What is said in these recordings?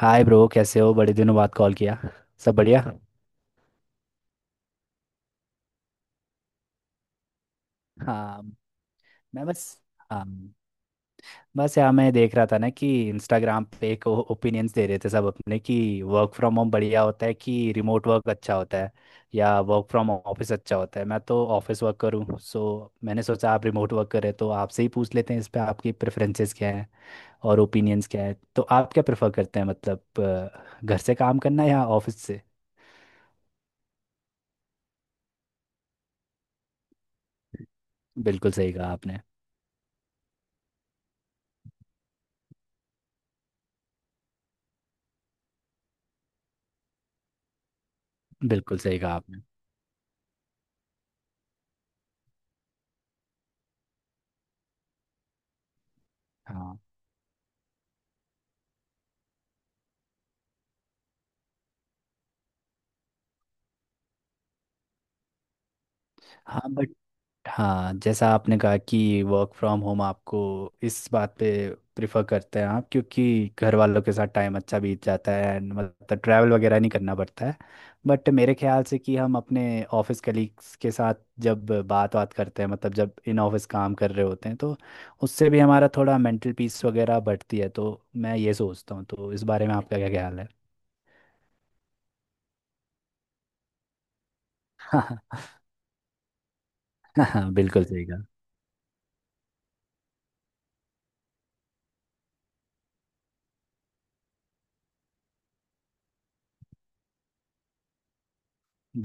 हाय bro, कैसे हो? बड़े दिनों बाद कॉल किया। सब बढ़िया। हाँ। मैं बस हाँ बस यार, मैं देख रहा था ना कि इंस्टाग्राम पे एक ओपिनियंस दे रहे थे सब अपने कि वर्क फ्रॉम होम बढ़िया होता है कि रिमोट वर्क अच्छा होता है या वर्क फ्रॉम ऑफिस अच्छा होता है। मैं तो ऑफिस वर्क करूँ, सो मैंने सोचा आप रिमोट वर्क कर रहे हो, तो आपसे ही पूछ लेते हैं इस पे आपकी प्रेफरेंसेस क्या हैं और ओपिनियंस क्या है। तो आप क्या प्रेफर करते हैं, मतलब घर से काम करना या ऑफिस से? बिल्कुल सही कहा आपने। बिल्कुल सही कहा आपने। हाँ। हाँ, बट हाँ, जैसा आपने कहा कि वर्क फ्रॉम होम आपको इस बात पे प्रिफर करते हैं आप, क्योंकि घर वालों के साथ टाइम अच्छा बीत जाता है and मतलब ट्रैवल वगैरह नहीं करना पड़ता है। बट मेरे ख्याल से कि हम अपने ऑफिस कलीग्स के साथ जब बात बात करते हैं, मतलब जब इन ऑफिस काम कर रहे होते हैं, तो उससे भी हमारा थोड़ा मेंटल पीस वगैरह बढ़ती है, तो मैं ये सोचता हूँ। तो इस बारे में आपका क्या ख्याल है? हाँ हाँ, बिल्कुल सही कहा।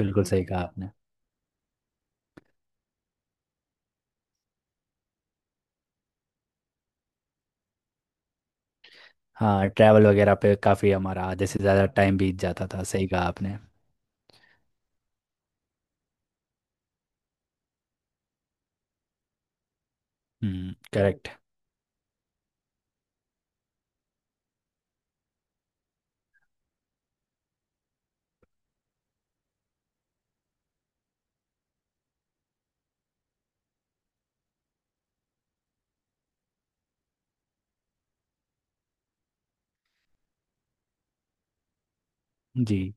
बिल्कुल सही कहा आपने। हाँ, ट्रैवल वगैरह पे काफ़ी हमारा आधे से ज़्यादा टाइम बीत जाता था, सही कहा आपने। हम्म, करेक्ट। जी,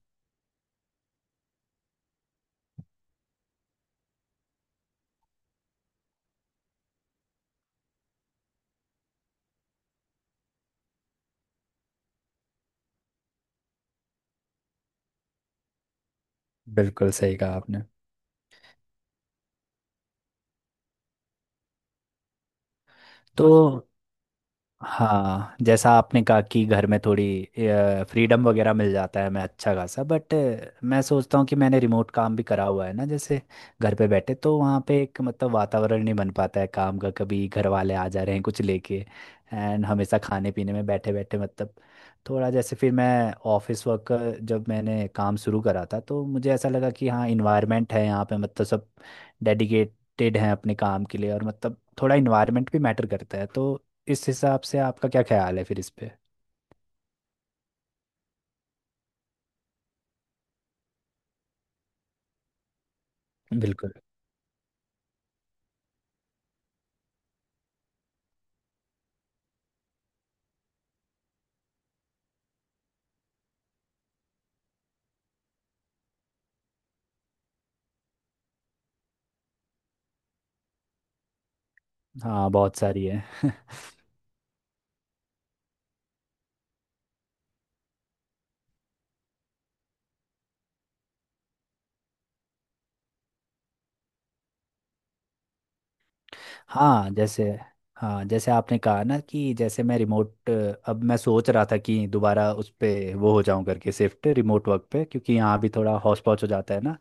बिल्कुल सही कहा आपने। तो हाँ, जैसा आपने कहा कि घर में थोड़ी फ्रीडम वगैरह मिल जाता है, मैं अच्छा खासा, बट मैं सोचता हूँ कि मैंने रिमोट काम भी करा हुआ है ना, जैसे घर पे बैठे, तो वहाँ पे एक मतलब वातावरण नहीं बन पाता है काम का, कभी घर वाले आ जा रहे हैं कुछ लेके, एंड हमेशा खाने पीने में बैठे बैठे मतलब थोड़ा, जैसे फिर मैं ऑफिस वर्क जब मैंने काम शुरू करा था, तो मुझे ऐसा लगा कि हाँ, इन्वायरमेंट है यहाँ पे, मतलब सब डेडिकेटेड हैं अपने काम के लिए, और मतलब थोड़ा इन्वायरमेंट भी मैटर करता है। तो इस हिसाब से आपका क्या ख्याल है फिर इस पे? बिल्कुल। हाँ, बहुत सारी है। हाँ जैसे हाँ, जैसे आपने कहा ना कि जैसे मैं रिमोट अब मैं सोच रहा था कि दोबारा उस पे वो हो जाऊं करके शिफ्ट रिमोट वर्क पे, क्योंकि यहाँ भी थोड़ा हौच पौच हो जाता है ना,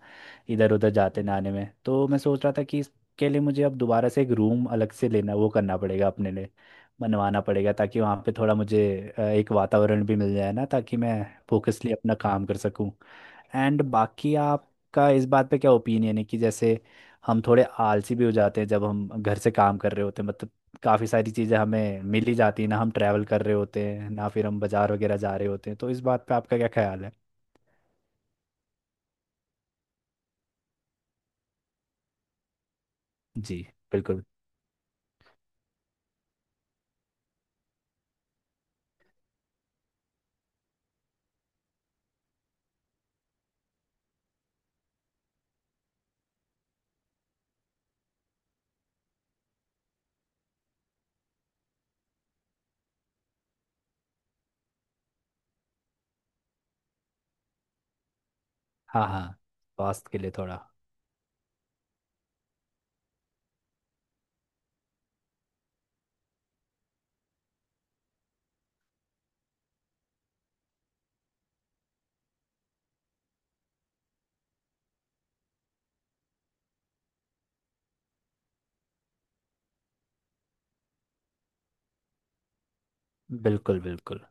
इधर उधर जाते ना आने में, तो मैं सोच रहा था कि इसके लिए मुझे अब दोबारा से एक रूम अलग से लेना वो करना पड़ेगा अपने लिए, बनवाना पड़ेगा ताकि वहाँ पे थोड़ा मुझे एक वातावरण भी मिल जाए ना, ताकि मैं फोकसली अपना काम कर सकूं। एंड बाकी आपका इस बात पे क्या ओपिनियन है कि जैसे हम थोड़े आलसी भी हो जाते हैं जब हम घर से काम कर रहे होते हैं, मतलब काफ़ी सारी चीज़ें हमें मिल ही जाती हैं ना, हम ट्रैवल कर रहे होते हैं ना फिर हम बाजार वगैरह जा रहे होते हैं, तो इस बात पे आपका क्या ख्याल है? जी, बिल्कुल। हाँ हाँ। स्वास्थ्य के लिए थोड़ा। बिल्कुल बिल्कुल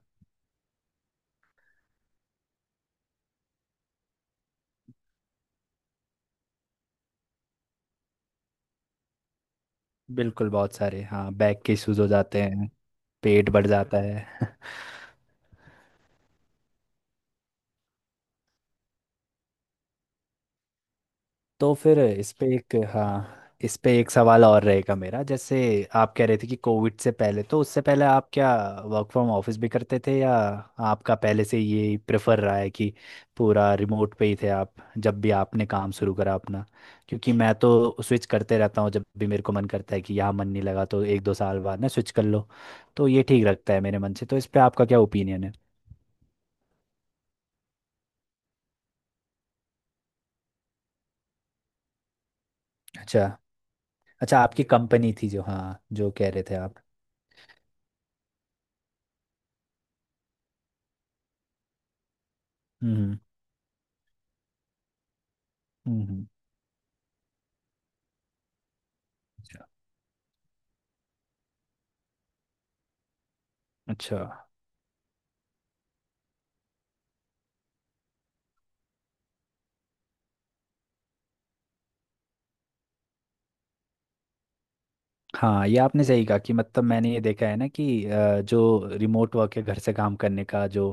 बिल्कुल, बहुत सारे, हाँ, बैक के इश्यूज हो जाते हैं। पेट बढ़ जाता है। तो फिर इस पे एक, हाँ, इस पे एक सवाल और रहेगा मेरा, जैसे आप कह रहे थे कि कोविड से पहले, तो उससे पहले आप क्या वर्क फ्रॉम ऑफिस भी करते थे, या आपका पहले से ये प्रेफर रहा है कि पूरा रिमोट पे ही थे आप जब भी आपने काम शुरू करा अपना? क्योंकि मैं तो स्विच करते रहता हूँ जब भी मेरे को मन करता है कि यहाँ मन नहीं लगा तो एक दो साल बाद ना स्विच कर लो, तो ये ठीक लगता है मेरे मन से। तो इस पे आपका क्या ओपिनियन है? अच्छा। अच्छा, आपकी कंपनी थी जो, हाँ, जो कह रहे थे आप। हम्म। हम्म। हम्म। अच्छा। हाँ, ये आपने सही कहा कि मतलब मैंने ये देखा है ना कि जो रिमोट वर्क है, घर से काम करने का जो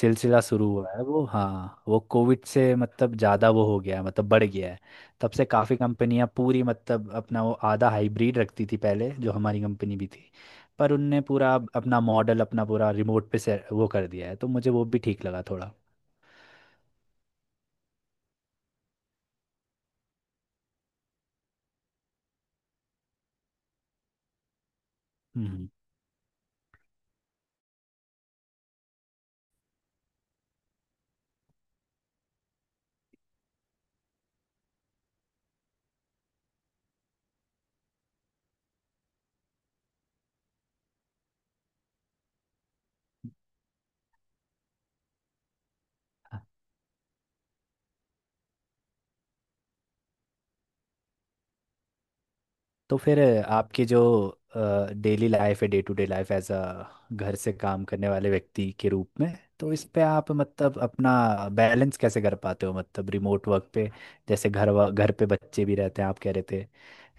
सिलसिला शुरू हुआ है वो, हाँ, वो कोविड से मतलब ज़्यादा वो हो गया है, मतलब बढ़ गया है। तब से काफ़ी कंपनियां पूरी मतलब अपना वो आधा हाइब्रिड रखती थी पहले, जो हमारी कंपनी भी थी, पर उनने पूरा अपना मॉडल अपना पूरा रिमोट पे से वो कर दिया है, तो मुझे वो भी ठीक लगा थोड़ा। तो फिर आपके जो डेली लाइफ है, day to day life as a घर से काम करने वाले व्यक्ति के रूप में, तो इस पे आप मतलब अपना बैलेंस कैसे कर पाते हो, मतलब रिमोट वर्क पे? जैसे घर पे बच्चे भी रहते हैं आप कह रहे थे,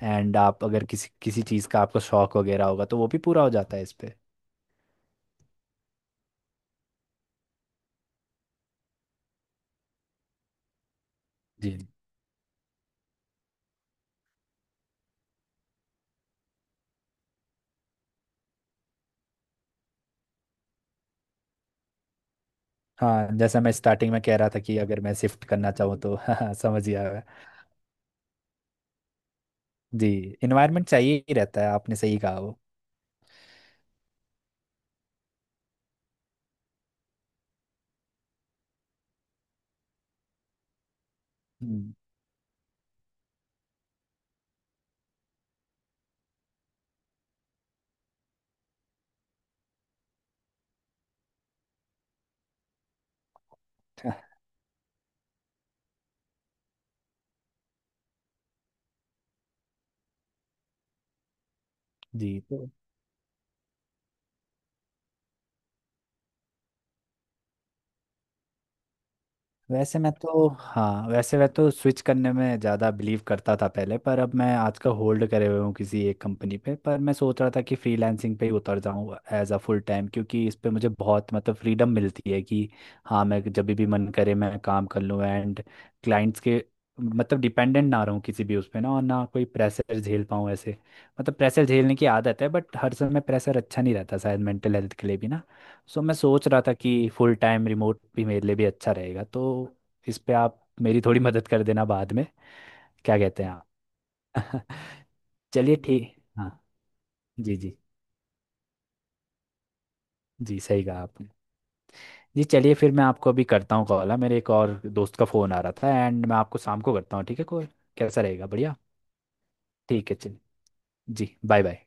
एंड आप अगर किसी किसी चीज़ का आपको शौक वगैरह होगा तो वो भी पूरा हो जाता है इस पे? जी। हाँ, जैसा मैं स्टार्टिंग में कह रहा था कि अगर मैं शिफ्ट करना चाहूँ तो हाँ, समझ गया मैं। जी, इन्वायरमेंट चाहिए ही रहता है, आपने सही कहा वो। हम्म। जी। तो वैसे मैं तो, हाँ, वैसे मैं तो स्विच करने में ज़्यादा बिलीव करता था पहले, पर अब मैं आजकल होल्ड करे हुए हूँ किसी एक कंपनी पे, पर मैं सोच रहा था कि फ्रीलांसिंग पे ही उतर जाऊँ एज अ फुल टाइम, क्योंकि इस पे मुझे बहुत मतलब फ्रीडम मिलती है कि हाँ, मैं जब भी मन करे मैं काम कर लूँ, एंड क्लाइंट्स के मतलब डिपेंडेंट ना रहूँ किसी भी उस पे ना, और ना कोई प्रेशर झेल पाऊँ ऐसे, मतलब प्रेशर झेलने की आदत है, बट हर समय प्रेशर अच्छा नहीं रहता शायद, मेंटल हेल्थ के लिए भी ना। सो मैं सोच रहा था कि फुल टाइम रिमोट भी मेरे लिए भी अच्छा रहेगा। तो इस पे आप मेरी थोड़ी मदद कर देना बाद में। क्या कहते हैं आप? चलिए ठीक, हाँ। जी जी। जी, सही कहा आपने। जी, चलिए फिर मैं आपको अभी करता हूँ कॉल, मेरे एक और दोस्त का फ़ोन आ रहा था, एंड मैं आपको शाम को करता हूँ, ठीक है? कॉल कैसा रहेगा? बढ़िया। ठीक है, चलिए। जी, बाय बाय।